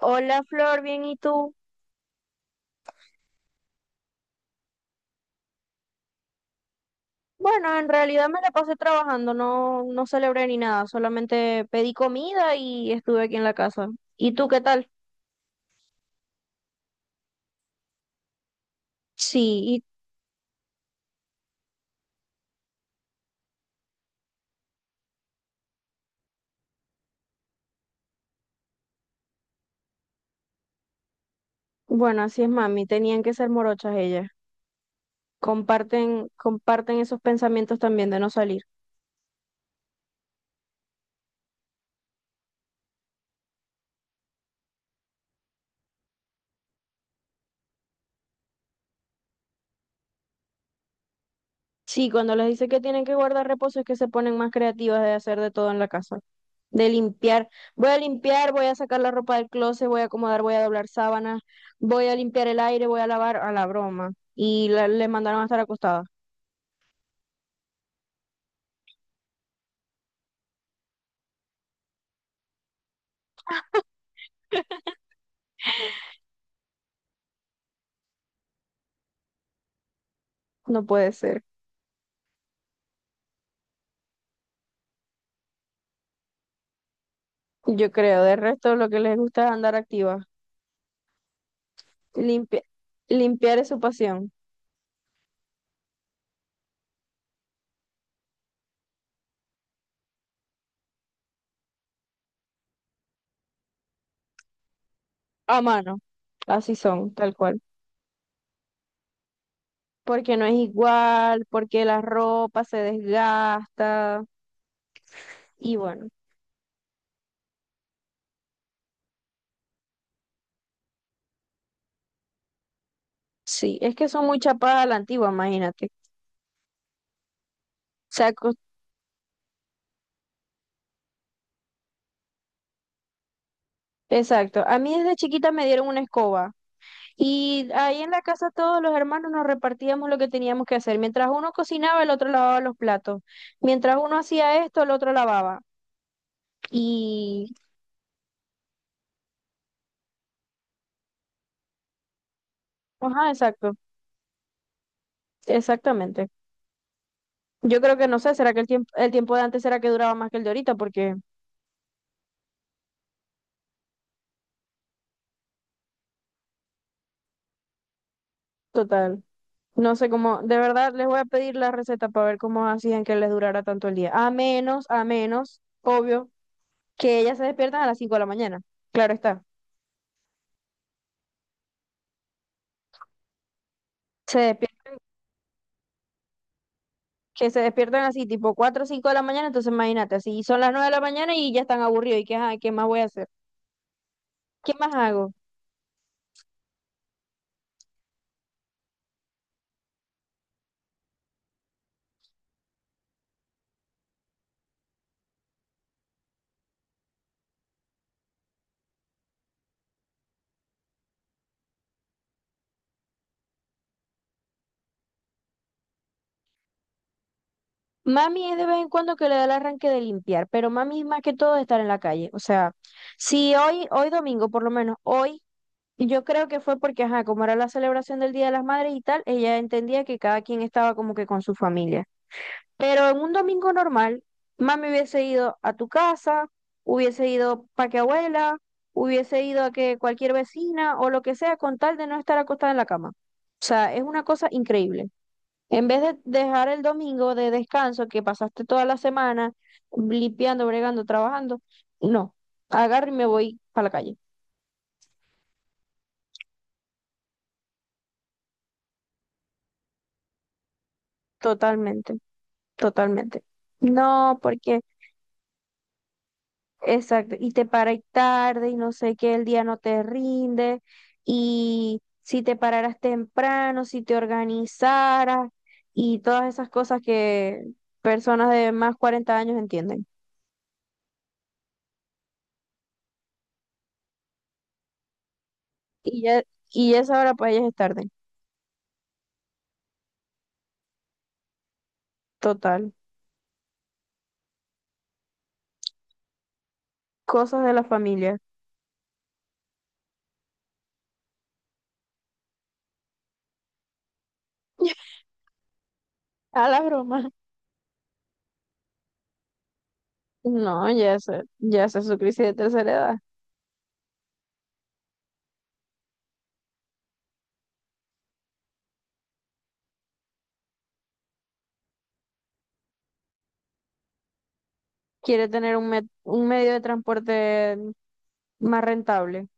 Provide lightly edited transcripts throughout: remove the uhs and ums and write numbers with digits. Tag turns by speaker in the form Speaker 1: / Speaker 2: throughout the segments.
Speaker 1: Hola Flor, bien, ¿y tú? Bueno, en realidad me la pasé trabajando, no, no celebré ni nada, solamente pedí comida y estuve aquí en la casa. ¿Y tú qué tal? Sí, y bueno, así es mami, tenían que ser morochas ellas. Comparten, comparten esos pensamientos también de no salir. Sí, cuando les dice que tienen que guardar reposo es que se ponen más creativas de hacer de todo en la casa. De limpiar. Voy a limpiar, voy a sacar la ropa del closet, voy a acomodar, voy a doblar sábanas, voy a limpiar el aire, voy a lavar a la broma. Y le mandaron a estar acostada. No puede ser. Yo creo, de resto lo que les gusta es andar activa. Limpia- Limpiar es su pasión. A mano. Así son, tal cual. Porque no es igual, porque la ropa se desgasta. Y bueno, sí, es que son muy chapadas a la antigua, imagínate. O sea, exacto. A mí desde chiquita me dieron una escoba. Y ahí en la casa todos los hermanos nos repartíamos lo que teníamos que hacer. Mientras uno cocinaba, el otro lavaba los platos. Mientras uno hacía esto, el otro lavaba. Y, ajá, exacto, exactamente. Yo creo que no sé, será que el tiempo de antes será que duraba más que el de ahorita, porque, total, no sé cómo, de verdad les voy a pedir la receta para ver cómo hacían que les durara tanto el día. A menos, obvio, que ellas se despiertan a las 5 de la mañana. Claro está. Se despiertan Que se despiertan así, tipo 4 o 5 de la mañana, entonces imagínate, si son las 9 de la mañana y ya están aburridos, ¿y qué, ajá, qué más voy a hacer? ¿Qué más hago? Mami es de vez en cuando que le da el arranque de limpiar, pero mami es más que todo de estar en la calle. O sea, si hoy domingo, por lo menos hoy, yo creo que fue porque, ajá, como era la celebración del Día de las Madres y tal, ella entendía que cada quien estaba como que con su familia. Pero en un domingo normal, mami hubiese ido a tu casa, hubiese ido para que abuela, hubiese ido a que cualquier vecina o lo que sea, con tal de no estar acostada en la cama. O sea, es una cosa increíble. En vez de dejar el domingo de descanso que pasaste toda la semana limpiando, bregando, trabajando, no, agarro y me voy para la calle. Totalmente, totalmente. No, porque exacto, y te paras tarde y no sé qué, el día no te rinde, y si te pararas temprano, si te organizaras, y todas esas cosas que personas de más 40 años entienden. Y ya, y ya esa hora para ellas es tarde, total. Cosas de la familia. A la broma. No, ya sé su crisis de tercera edad. Quiere tener un medio de transporte más rentable.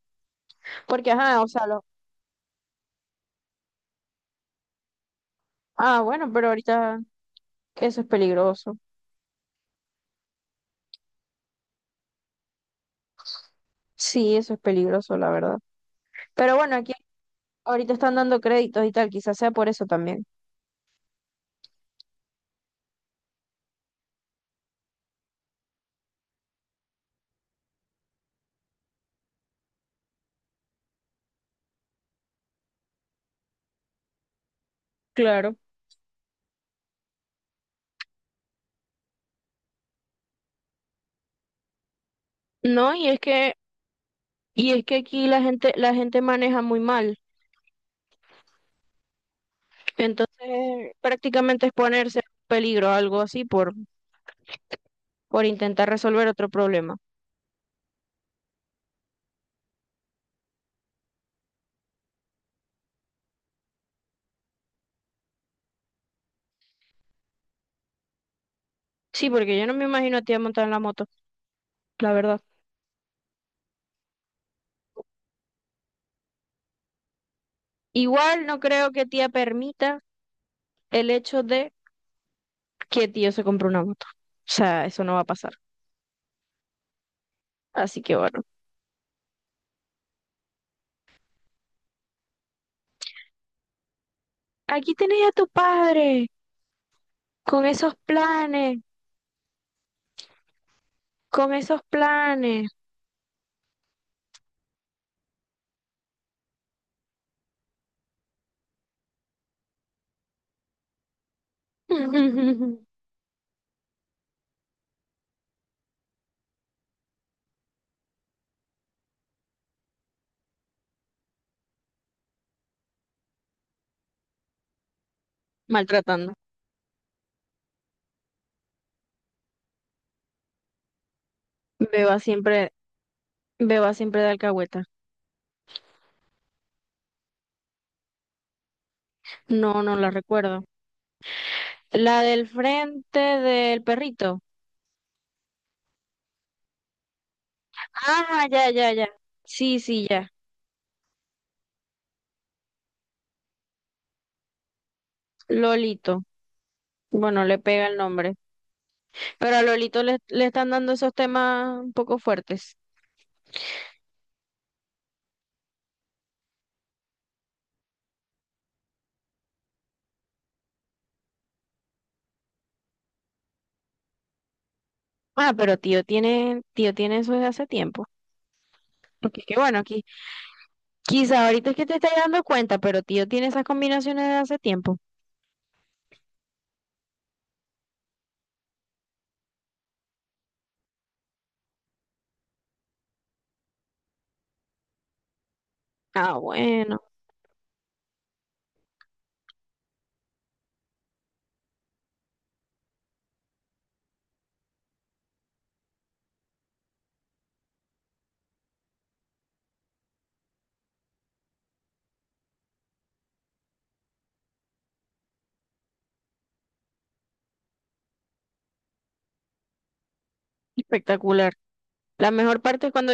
Speaker 1: Porque, ajá, o sea, lo... Ah, bueno, pero ahorita... Eso es peligroso. Sí, eso es peligroso, la verdad. Pero bueno, aquí ahorita están dando créditos y tal, quizás sea por eso también. Claro. No, y es que, aquí la gente maneja muy mal. Entonces, prácticamente es ponerse en peligro, algo así, por intentar resolver otro problema. Sí, porque yo no me imagino a tía montada en la moto, la verdad. Igual no creo que tía permita el hecho de que tío se compre una moto. O sea, eso no va a pasar. Así que bueno. Aquí tenés a tu padre. Con esos planes, con esos planes. Maltratando. Beba siempre, Beba siempre de alcahueta. No, no la recuerdo. La del frente del perrito. Ah, ya, ya, ya. Sí, sí, ya. Lolito. Bueno, le pega el nombre. Pero a Lolito le, le están dando esos temas un poco fuertes. Ah, pero tío tiene eso desde hace tiempo. Porque es que bueno, aquí quizá ahorita es que te estás dando cuenta, pero tío tiene esas combinaciones de hace tiempo. Ah, bueno, espectacular. La mejor parte es cuando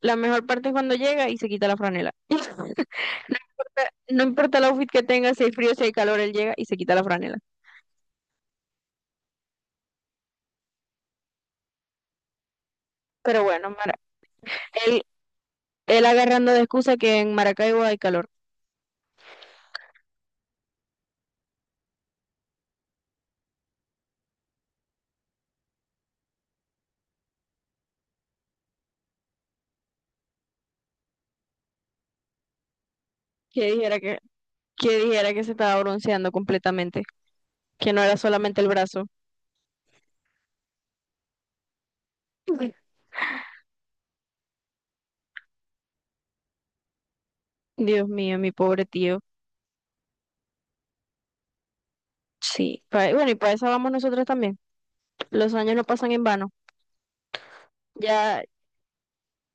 Speaker 1: la mejor parte es cuando llega y se quita la franela. No importa, no importa el outfit que tenga, si hay frío, si hay calor, él llega y se quita la franela. Pero bueno, Mara, él, él agarrando de excusa que en Maracaibo hay calor. Que dijera que, que dijera que se estaba bronceando completamente, que no era solamente el brazo. Dios mío, mi pobre tío. Sí, bueno, y para eso vamos nosotros también. Los años no pasan en vano. Ya,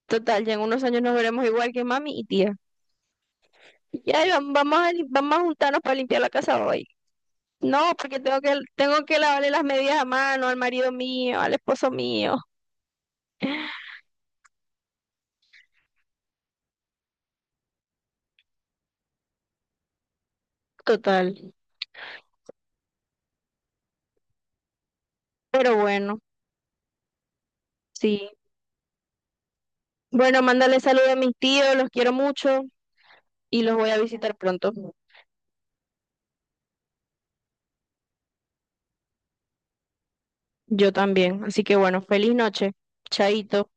Speaker 1: total, ya en unos años nos veremos igual que mami y tía. Vamos a, vamos a juntarnos para limpiar la casa hoy. No, porque tengo que lavarle las medias a mano al marido mío, al esposo mío. Total. Pero bueno, sí. Bueno, mándale saludos a mis tíos, los quiero mucho y los voy a visitar pronto. Yo también. Así que bueno, feliz noche. Chaito.